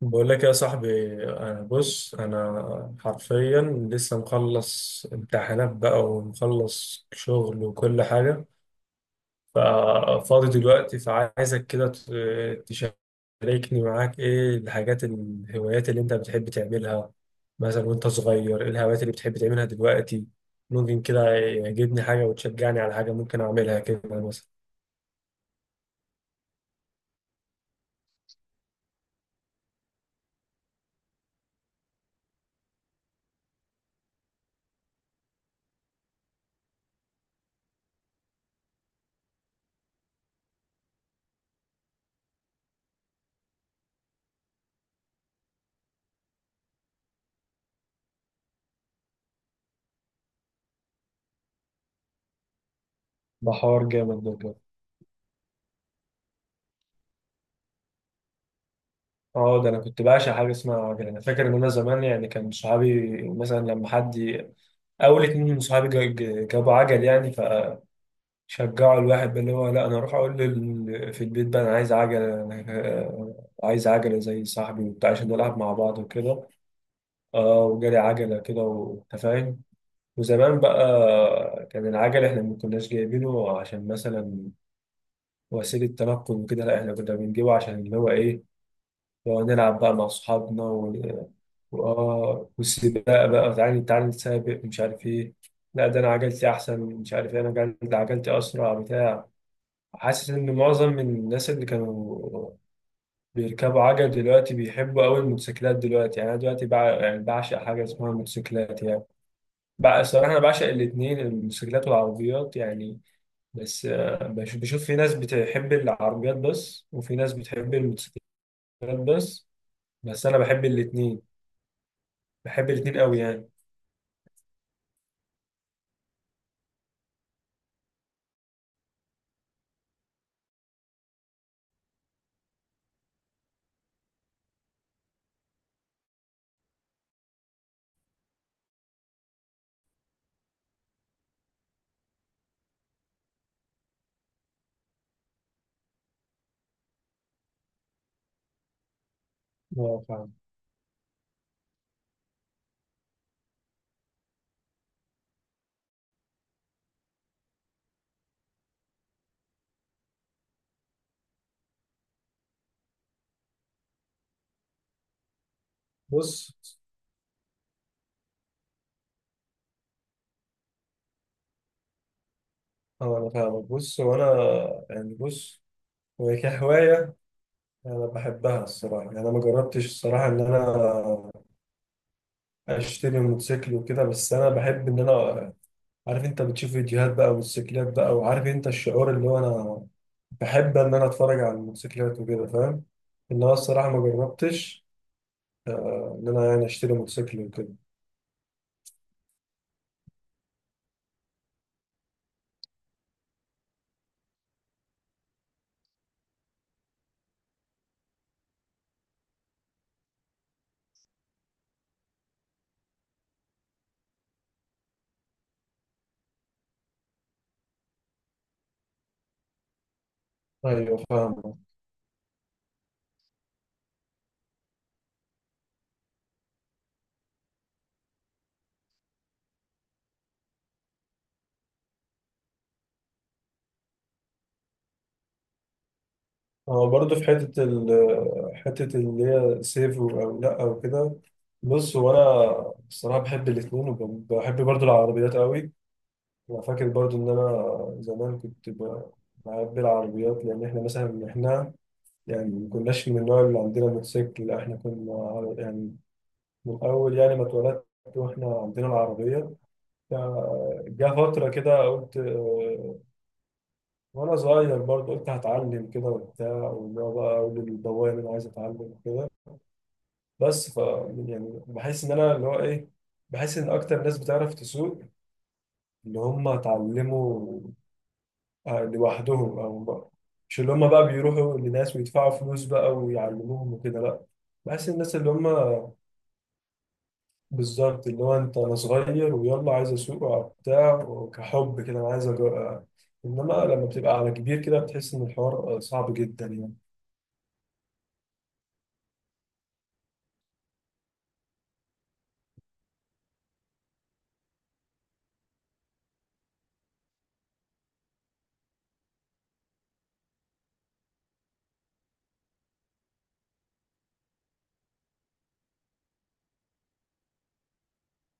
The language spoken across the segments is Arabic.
بقول لك يا صاحبي. أنا حرفيا لسه مخلص امتحانات بقى، ومخلص شغل وكل حاجة. ففاضي دلوقتي، فعايزك كده تشاركني معاك إيه الهوايات اللي أنت بتحب تعملها، مثلا وأنت صغير. إيه الهوايات اللي بتحب تعملها دلوقتي؟ ممكن كده يعجبني حاجة وتشجعني على حاجة ممكن أعملها كده، مثلا. ده حوار جامد ده. اه، ده انا كنت بعشق حاجه اسمها عجل. انا فاكر ان انا زمان، يعني كان صحابي مثلا اول اتنين من صحابي جابوا عجل، يعني فشجعوا الواحد بقى، اللي هو لا انا اروح اقول في البيت بقى انا عايز عجل، انا آه، عايز عجله زي صاحبي وبتاع، عشان نلعب مع بعض وكده. اه، وجالي عجله كده وانت فاهم. وزمان بقى كان العجل احنا ما كناش جايبينه عشان مثلا وسيله تنقل وكده، لا احنا كنا بنجيبه عشان اللي هو ايه، ونلعب بقى مع صحابنا. واه، والسباق بقى، تعالي تعالي نتسابق مش عارف ايه، لا ده انا عجلتي احسن، مش عارف ايه، انا عجلتي اسرع بتاع. حاسس ان معظم من الناس اللي كانوا بيركبوا عجل دلوقتي بيحبوا قوي الموتوسيكلات دلوقتي. يعني انا دلوقتي يعني بعشق حاجه اسمها موتوسيكلات، يعني بقى الصراحه انا بعشق الاثنين، الموتوسيكلات والعربيات يعني. بس بشوف في ناس بتحب العربيات بس، وفي ناس بتحب الموتوسيكلات بس. انا بحب الاثنين. بحب الاثنين قوي يعني. اه، فاهم. بص، اه انا فاهمك، بص وانا يعني، بص هو كهوايه انا بحبها الصراحه. يعني انا ما جربتش الصراحه ان انا اشتري موتوسيكل وكده، بس انا بحب ان انا، عارف انت بتشوف فيديوهات بقى موتوسيكلات بقى، وعارف انت الشعور اللي هو انا بحب ان انا اتفرج على الموتوسيكلات وكده، فاهم. ان انا الصراحه ما جربتش ان انا يعني اشتري موتوسيكل وكده. ايوه فاهم. هو برضه في حتة حتة اللي هي سيف أو لأ أو كده. بص، هو أنا الصراحة بحب الاتنين، وبحب برضه العربيات قوي. أنا فاكر برضه إن أنا زمان كنت بحب العربيات، لأن إحنا مثلا يعني ما كناش من النوع اللي عندنا موتوسيكل، لا إحنا كنا يعني من أول يعني ما اتولدت وإحنا عندنا العربية. فجاء فترة كده قلت، وأنا صغير برضه، قلت هتعلم كده وبتاع، واللي هو بقى أقول للبواب أنا عايز أتعلم كده. بس ف يعني بحس ان انا اللي هو ايه، بحس ان اكتر ناس بتعرف تسوق، اللي هم اتعلموا لوحدهم او بقى. مش اللي هم بقى بيروحوا لناس ويدفعوا فلوس بقى ويعلموهم وكده، لا، بحس الناس اللي هم بالظبط اللي هو انت انا صغير ويلا عايز اسوق وبتاع وكحب كده، انا عايز أجرب. انما لما بتبقى على كبير كده بتحس ان الحوار صعب جدا يعني.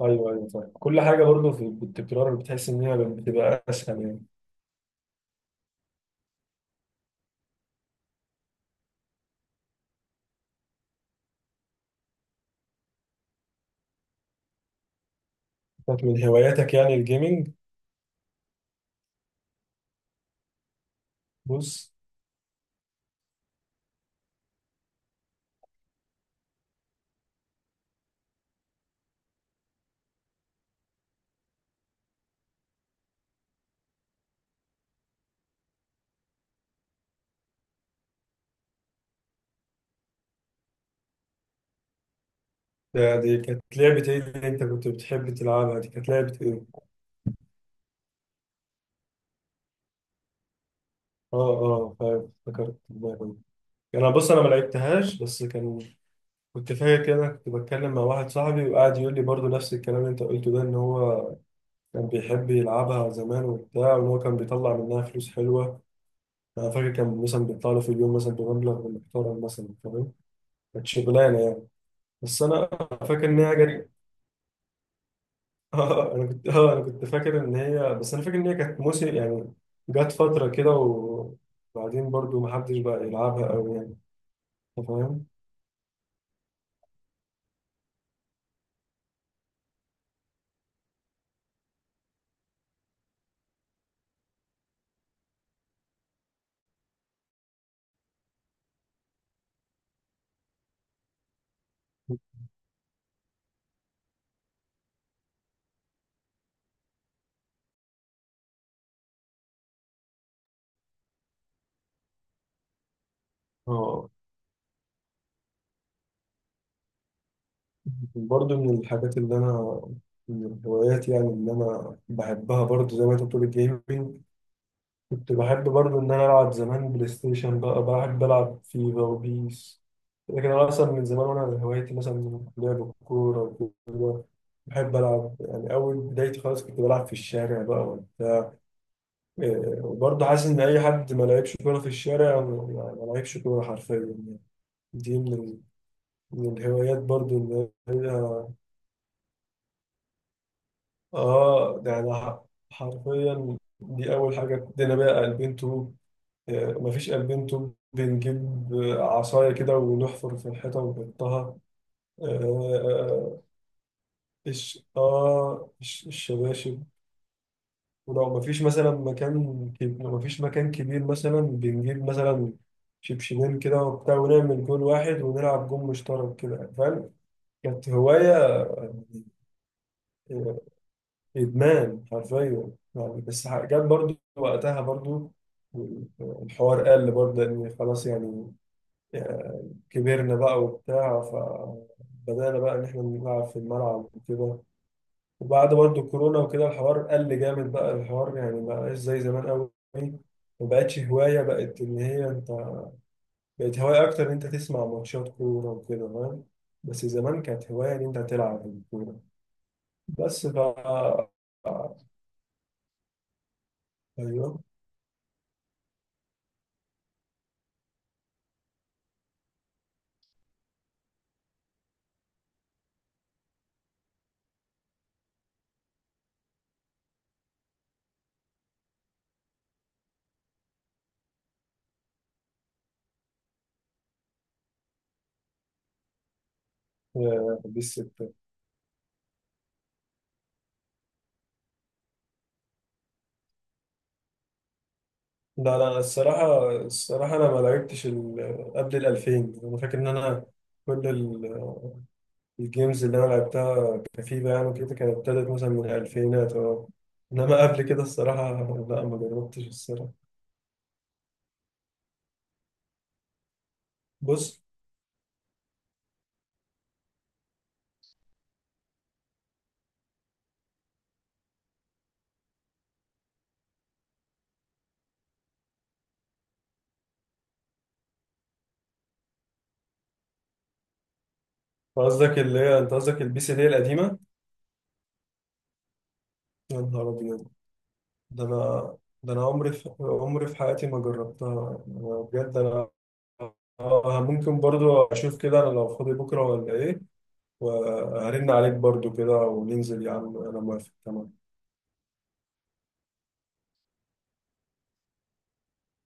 ايوه ايوه فاهم. كل حاجه برضه في التكرار بتحس ان هي بتبقى اسهل يعني. كانت من هواياتك يعني الجيمنج؟ بص، دي كانت لعبة ايه اللي انت كنت بتحب تلعبها؟ دي كانت لعبة ايه؟ اه اه فاهم، افتكرت اللعبة دي. انا بص، انا ما لعبتهاش، بس كنت فاكر كده. كنت بتكلم مع واحد صاحبي وقعد يقول لي برضو نفس الكلام اللي انت قلته ده، ان هو كان بيحب يلعبها زمان وبتاع، وان هو كان بيطلع منها فلوس حلوة. انا فاكر كان مثلا بيطلع له في اليوم مثلا بمبلغ محترم مثلا، فاهم، كانت شغلانة يعني. بس انا فاكر ان هي جت. انا كنت فاكر ان هي، بس انا فاكر ان هي كانت موسم يعني. جت فتره كده، وبعدين برضو ما حدش بقى يلعبها قوي يعني، انت فاهم. اه، برضو من الحاجات اللي انا، من الهوايات يعني اللي انا بحبها برضو زي ما انت بتقول الجيمنج. كنت بحب برضو ان انا العب زمان بلاي ستيشن بقى، بحب العب فيفا وبيس. لكن انا اصلا من زمان وانا هوايتي مثلا لعب الكوره وكده. بحب العب، يعني اول بدايتي خالص كنت بلعب في الشارع بقى وبتاع. إيه، وبرضه حاسس ان اي حد ما لعبش كوره في الشارع ما لعبش كوره حرفيا يعني. دي من الهوايات برضه ان هي. اه ده انا حرفيا دي اول حاجه ابتدينا بقى قلبين طوب. إيه، مفيش قلبين طوب، بنجيب عصايه كده ونحفر في الحيطه ونحطها. آه آه، الشباشب. ولو مفيش مثلا لو مفيش مكان كبير مثلا، بنجيب مثلا شبشبين كده وبتاع، ونعمل جول واحد ونلعب جول مشترك كده، فاهم. كانت هواية آه، إدمان حرفيا يعني. بس جت برضو وقتها، برضو الحوار قل برضه لأن خلاص يعني كبرنا بقى وبتاع، فبدأنا بقى إن إحنا نلعب في الملعب وكده. وبعد برضه الكورونا وكده الحوار قل جامد بقى. الحوار يعني ما بقاش زي زمان قوي، ما بقتش هواية. بقت هواية أكتر إن أنت تسمع ماتشات كورة وكده، فاهم. بس زمان كانت هواية إن أنت تلعب الكورة. بس ف أيوه. دي الستة. لا لا، الصراحة الصراحة أنا ما لعبتش قبل الـ2000. أنا فاكر إن أنا كل الجيمز اللي انا لعبتها كفيفا يعني وكده كانت ابتدت مثلا من الالفينات، اه. انما قبل كده الصراحه، لا ما جربتش الصراحه. بص، قصدك اللي هي انت قصدك البي سي دي القديمه. يا نهار ابيض. ده انا ده انا عمري في حياتي ما جربتها. أنا بجد انا، ممكن برضو اشوف كده انا لو فاضي بكره ولا ايه، وهرن عليك برضو كده وننزل يا عم. انا موافق تمام.